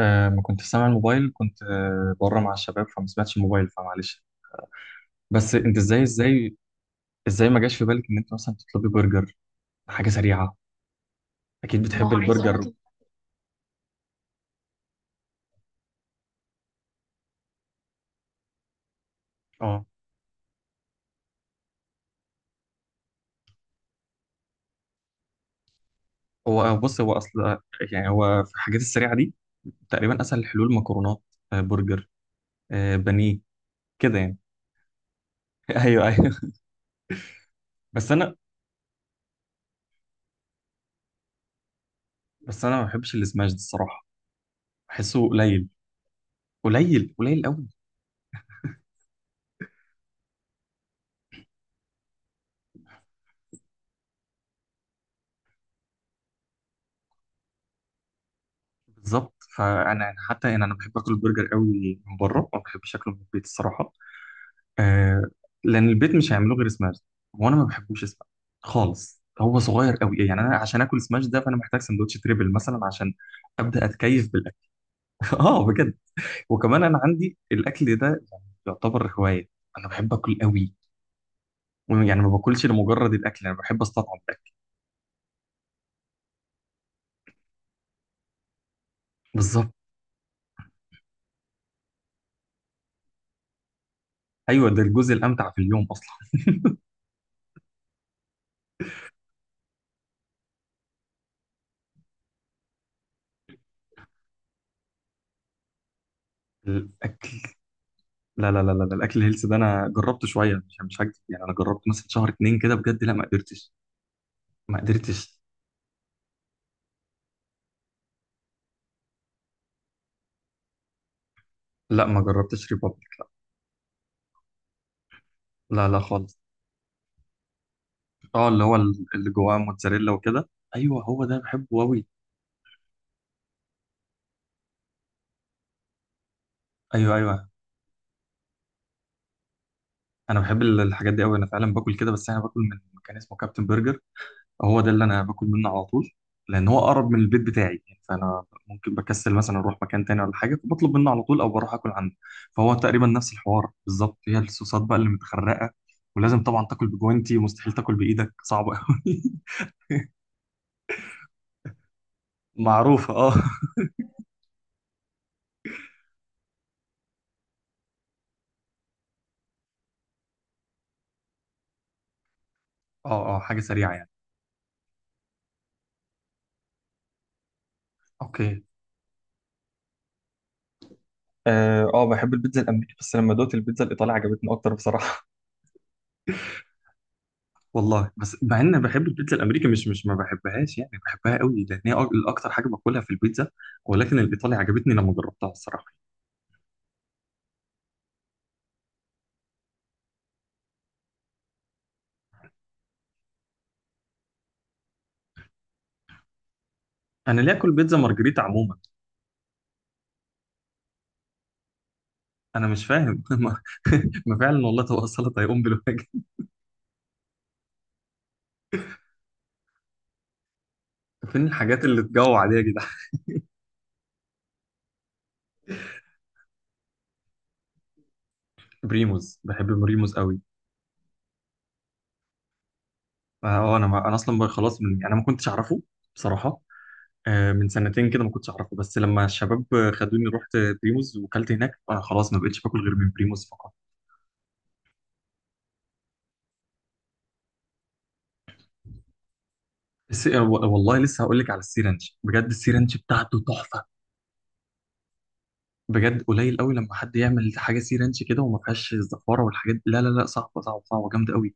ما كنت سامع الموبايل، كنت بره مع الشباب، فما سمعتش الموبايل فمعلش. بس انت ازاي؟ ازاي ما جاش في بالك ان انت مثلا تطلبي برجر؟ حاجه سريعه، اكيد، ما هو بتحب، عايزة البرجر اطلب. اه، هو بص هو اصل يعني هو في الحاجات السريعه دي تقريبا اسهل الحلول مكرونات، برجر، بانيه، كده يعني. ايوه ايوه. بس انا بس انا ما بحبش السماش ده الصراحه، بحسه قليل. قليل قوي. بالظبط، فانا حتى يعني انا بحب اكل البرجر قوي من بره، ما بحبش اكله من البيت الصراحه. آه. لان البيت مش هيعملوه غير سماش، وانا ما بحبوش سماش خالص، هو صغير قوي يعني، انا عشان اكل سماش ده فانا محتاج سندوتش تريبل مثلا عشان ابدا اتكيف بالاكل. اه بجد. وكمان انا عندي الاكل ده يعني يعتبر هوايه، انا بحب اكل قوي، يعني ما باكلش لمجرد الاكل، انا بحب استطعم الاكل. بالظبط، ايوه، ده الجزء الامتع في اليوم اصلا. الاكل، لا لا لا لا، لا. الاكل الهيلث ده انا جربته شويه، مش هكذب يعني، انا جربت مثلا شهر اتنين كده، بجد لا ما قدرتش، ما قدرتش. لا ما جربتش ريبابليك. لا لا خالص. اه اللي هو اللي جواه موتزاريلا وكده. ايوه هو ده بحبه قوي. ايوه ايوه، انا بحب الحاجات دي قوي، انا فعلا باكل كده، بس انا باكل من مكان اسمه كابتن برجر، هو ده اللي انا باكل منه على طول، لان هو اقرب من البيت بتاعي يعني، فانا ممكن بكسل مثلا اروح مكان تاني ولا حاجه فبطلب منه على طول او بروح اكل عنده. فهو تقريبا نفس الحوار بالظبط، هي الصوصات بقى اللي متخرقه، ولازم طبعا تاكل بجوانتي، ومستحيل تاكل بايدك، صعبه قوي. معروفه اه. اه اه، حاجه سريعه يعني. اوكي. اه بحب البيتزا الامريكي، بس لما دوت البيتزا الايطالي عجبتني اكتر بصراحه. والله، بس مع ان أنا بحب البيتزا الامريكي، مش ما بحبهاش يعني، بحبها قوي، لان هي اكتر حاجه باكلها في البيتزا، ولكن الايطالي عجبتني لما جربتها الصراحه. انا ليه اكل بيتزا مارجريتا عموما؟ انا مش فاهم. ما فعلا والله طبق السلطه هيقوم بالواجب. فين الحاجات اللي تجوع دي يا جدعان؟ بريموز، بحب بريموز قوي. اه انا ما انا اصلا بقى خلاص من يعني انا ما كنتش اعرفه بصراحه، من سنتين كده ما كنتش اعرفه، بس لما الشباب خدوني رحت بريموز وكلت هناك، خلاص ما بقتش باكل غير من بريموز فقط. الس... آه، والله لسه هقول لك على السي رانش، بجد السي رانش بتاعته تحفه، بجد قليل قوي لما حد يعمل حاجه سي رانش كده وما فيهاش الزفاره والحاجات دي. لا لا لا، صعبه صعبه صعبه جامده قوي.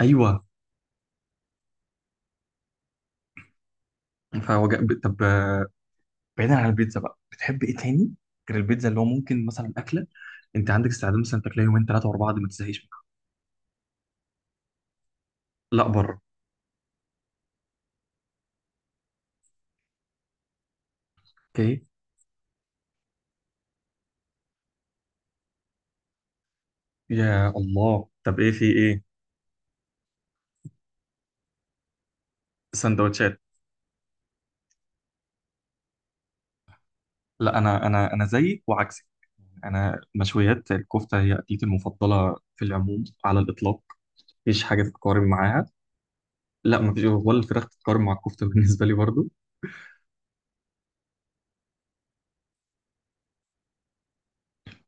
ايوه. فوج... طب آه، بعيدا عن البيتزا بقى، بتحب ايه تاني غير البيتزا، اللي هو ممكن مثلا اكله، انت عندك استعداد مثلا تاكلها يومين ثلاثه ورا بعض ما تزهقش منها؟ لا بره. اوكي. يا الله، طب ايه في ايه؟ سندوتشات. لا انا زيك وعكسك، انا مشويات الكفته هي اكلتي المفضله في العموم على الاطلاق، مفيش حاجه تتقارن معاها. لا مفيش، ولا الفراخ تتقارن مع الكفته بالنسبه لي برضو.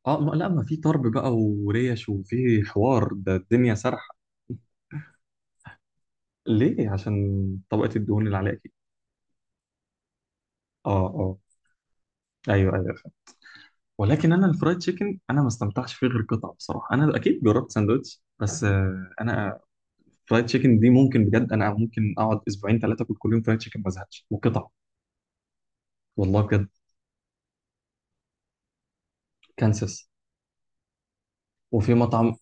اه ما لا، ما في طرب بقى وريش وفي حوار، ده الدنيا سرحه. ليه؟ عشان طبقه الدهون اللي عليها كده. اه اه، ايوه ايوه فاهم. ولكن انا الفرايد تشيكن انا ما استمتعش فيه غير قطعه بصراحه، انا اكيد جربت ساندوتش بس انا فرايد تشيكن دي ممكن بجد، انا ممكن اقعد اسبوعين ثلاثه اكل كل يوم فرايد تشيكن ما ازهقش، وقطع. والله بجد. كانساس، وفي مطعم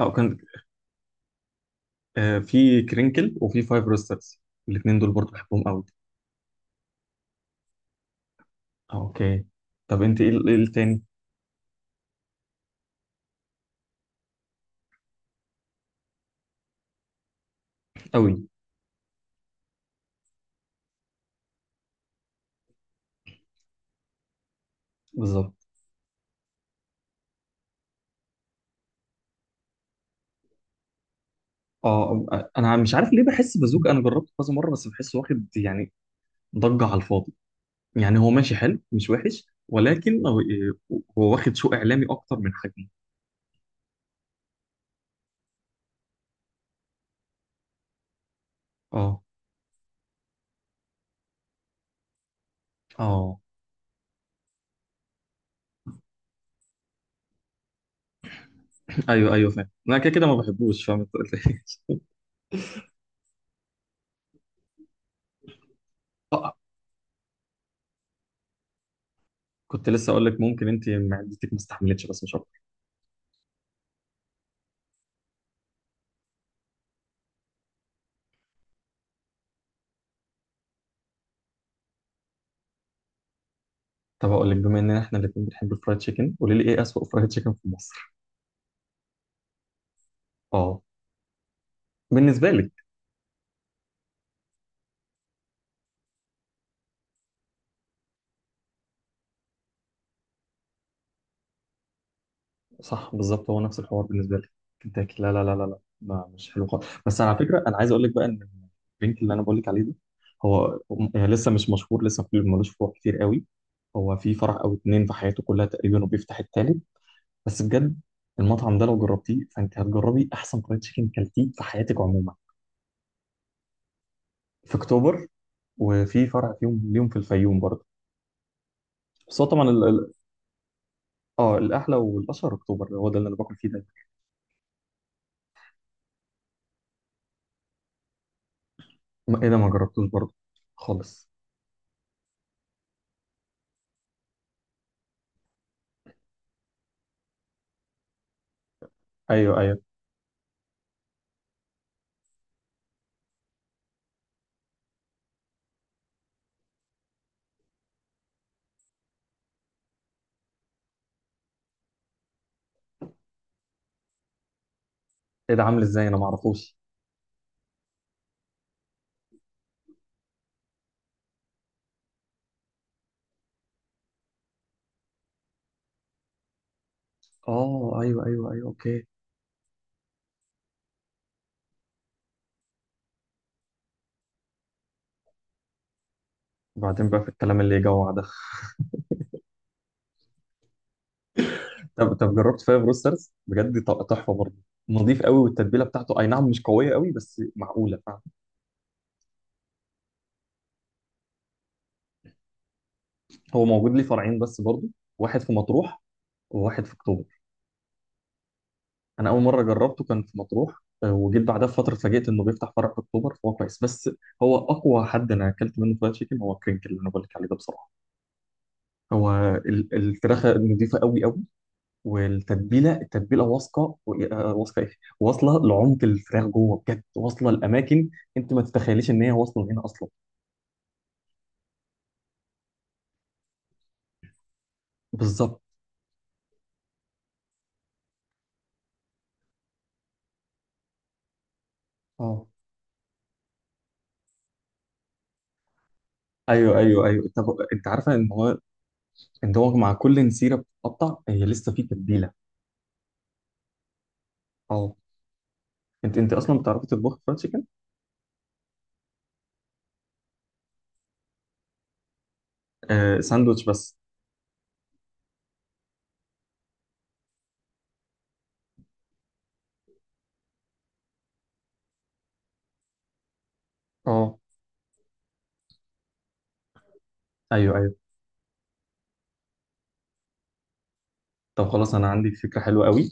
او كان، آه في كرينكل وفي فايف روسترز، الاثنين دول برضو بحبهم قوي. اوكي. طب انت ايه إيه التاني؟ قوي. بالظبط. اه انا مش عارف ليه بحس بازوكا، انا جربته كذا مره بس بحسه واخد يعني ضجه على الفاضي، يعني هو ماشي حلو مش وحش، ولكن هو هو واخد سوق اعلامي اكتر من حجمه. اه اه، ايوه ايوه فاهم، انا كده كده ما بحبوش فاهم. أنت قلت إيه؟ آه، كنت لسه اقول لك ممكن انت معدتك ما استحملتش، بس مش. طب اقول لك، بما اننا احنا الاثنين بنحب الفرايد تشيكن، قولي لي ايه اسوأ فرايد تشيكن في مصر؟ اه بالنسبه لك. صح بالظبط، هو نفس الحوار بالنسبه لك كنتاكي، لا لا لا لا لا، ما مش حلو خالص. بس على فكره، انا عايز اقول لك بقى ان الدرينك اللي انا بقول لك عليه ده، هو يعني لسه مش مشهور، لسه ملوش فروع كتير قوي، هو في فرع او اتنين في حياته كلها تقريبا وبيفتح التالت، بس بجد المطعم ده لو جربتيه فانت هتجربي احسن فرايد تشيكن كلتيه في حياتك عموما. في اكتوبر، وفي فرع فيهم ليهم في الفيوم برضه. بس هو طبعا، اه الاحلى والاشهر اكتوبر، هو ده اللي انا باكل فيه دايما. ايه ده، ما جربتوش برضه خالص؟ ايوه ايوه. ايه ده، عامل ازاي؟ انا ما اعرفوش. اه ايوه ايوه ايوه اوكي. وبعدين بقى في الكلام اللي يجوع ده. طب طب جربت فايف روسترز؟ بجد تحفه برضه، نظيف قوي، والتتبيله بتاعته اي نعم مش قويه قوي بس معقوله فعلا. هو موجود ليه فرعين بس برضه، واحد في مطروح وواحد في اكتوبر، انا اول مره جربته كان في مطروح، وجيت بعدها بفتره اتفاجئت انه بيفتح فرع في اكتوبر، فهو كويس، بس هو اقوى حد انا اكلت منه فرايد تشيكن هو كرينكل اللي انا بقول لك عليه ده بصراحه، هو الفراخة نضيفة قوي قوي، والتتبيلة، التتبيلة واثقة واثقة ايه، واصلة لعمق الفراخ جوه بجد، واصلة لأماكن انت ما تتخيليش ان هي واصلة هنا اصلا. بالظبط. اه ايوه ايوه ايوه، طب انت عارفة ان هو، ان هو مع كل نسيرة بتتقطع هي لسه في تتبيلة. اه. انت انت اصلا بتعرفي تطبخي فرايد تشيكن؟ آه ساندوتش بس. اه ايوه ايوه. طب خلاص، انا عندي فكرة حلوة قوي،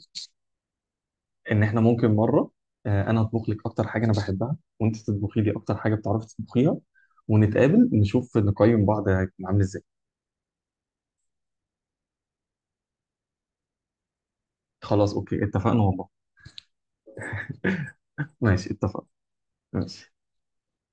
ان احنا ممكن مره، انا اطبخ لك اكتر حاجه انا بحبها وانت تطبخي لي اكتر حاجه بتعرفي تطبخيها، ونتقابل، نشوف نقيم بعض عامل ازاي. خلاص اوكي، اتفقنا والله. ماشي اتفقنا. ماشي.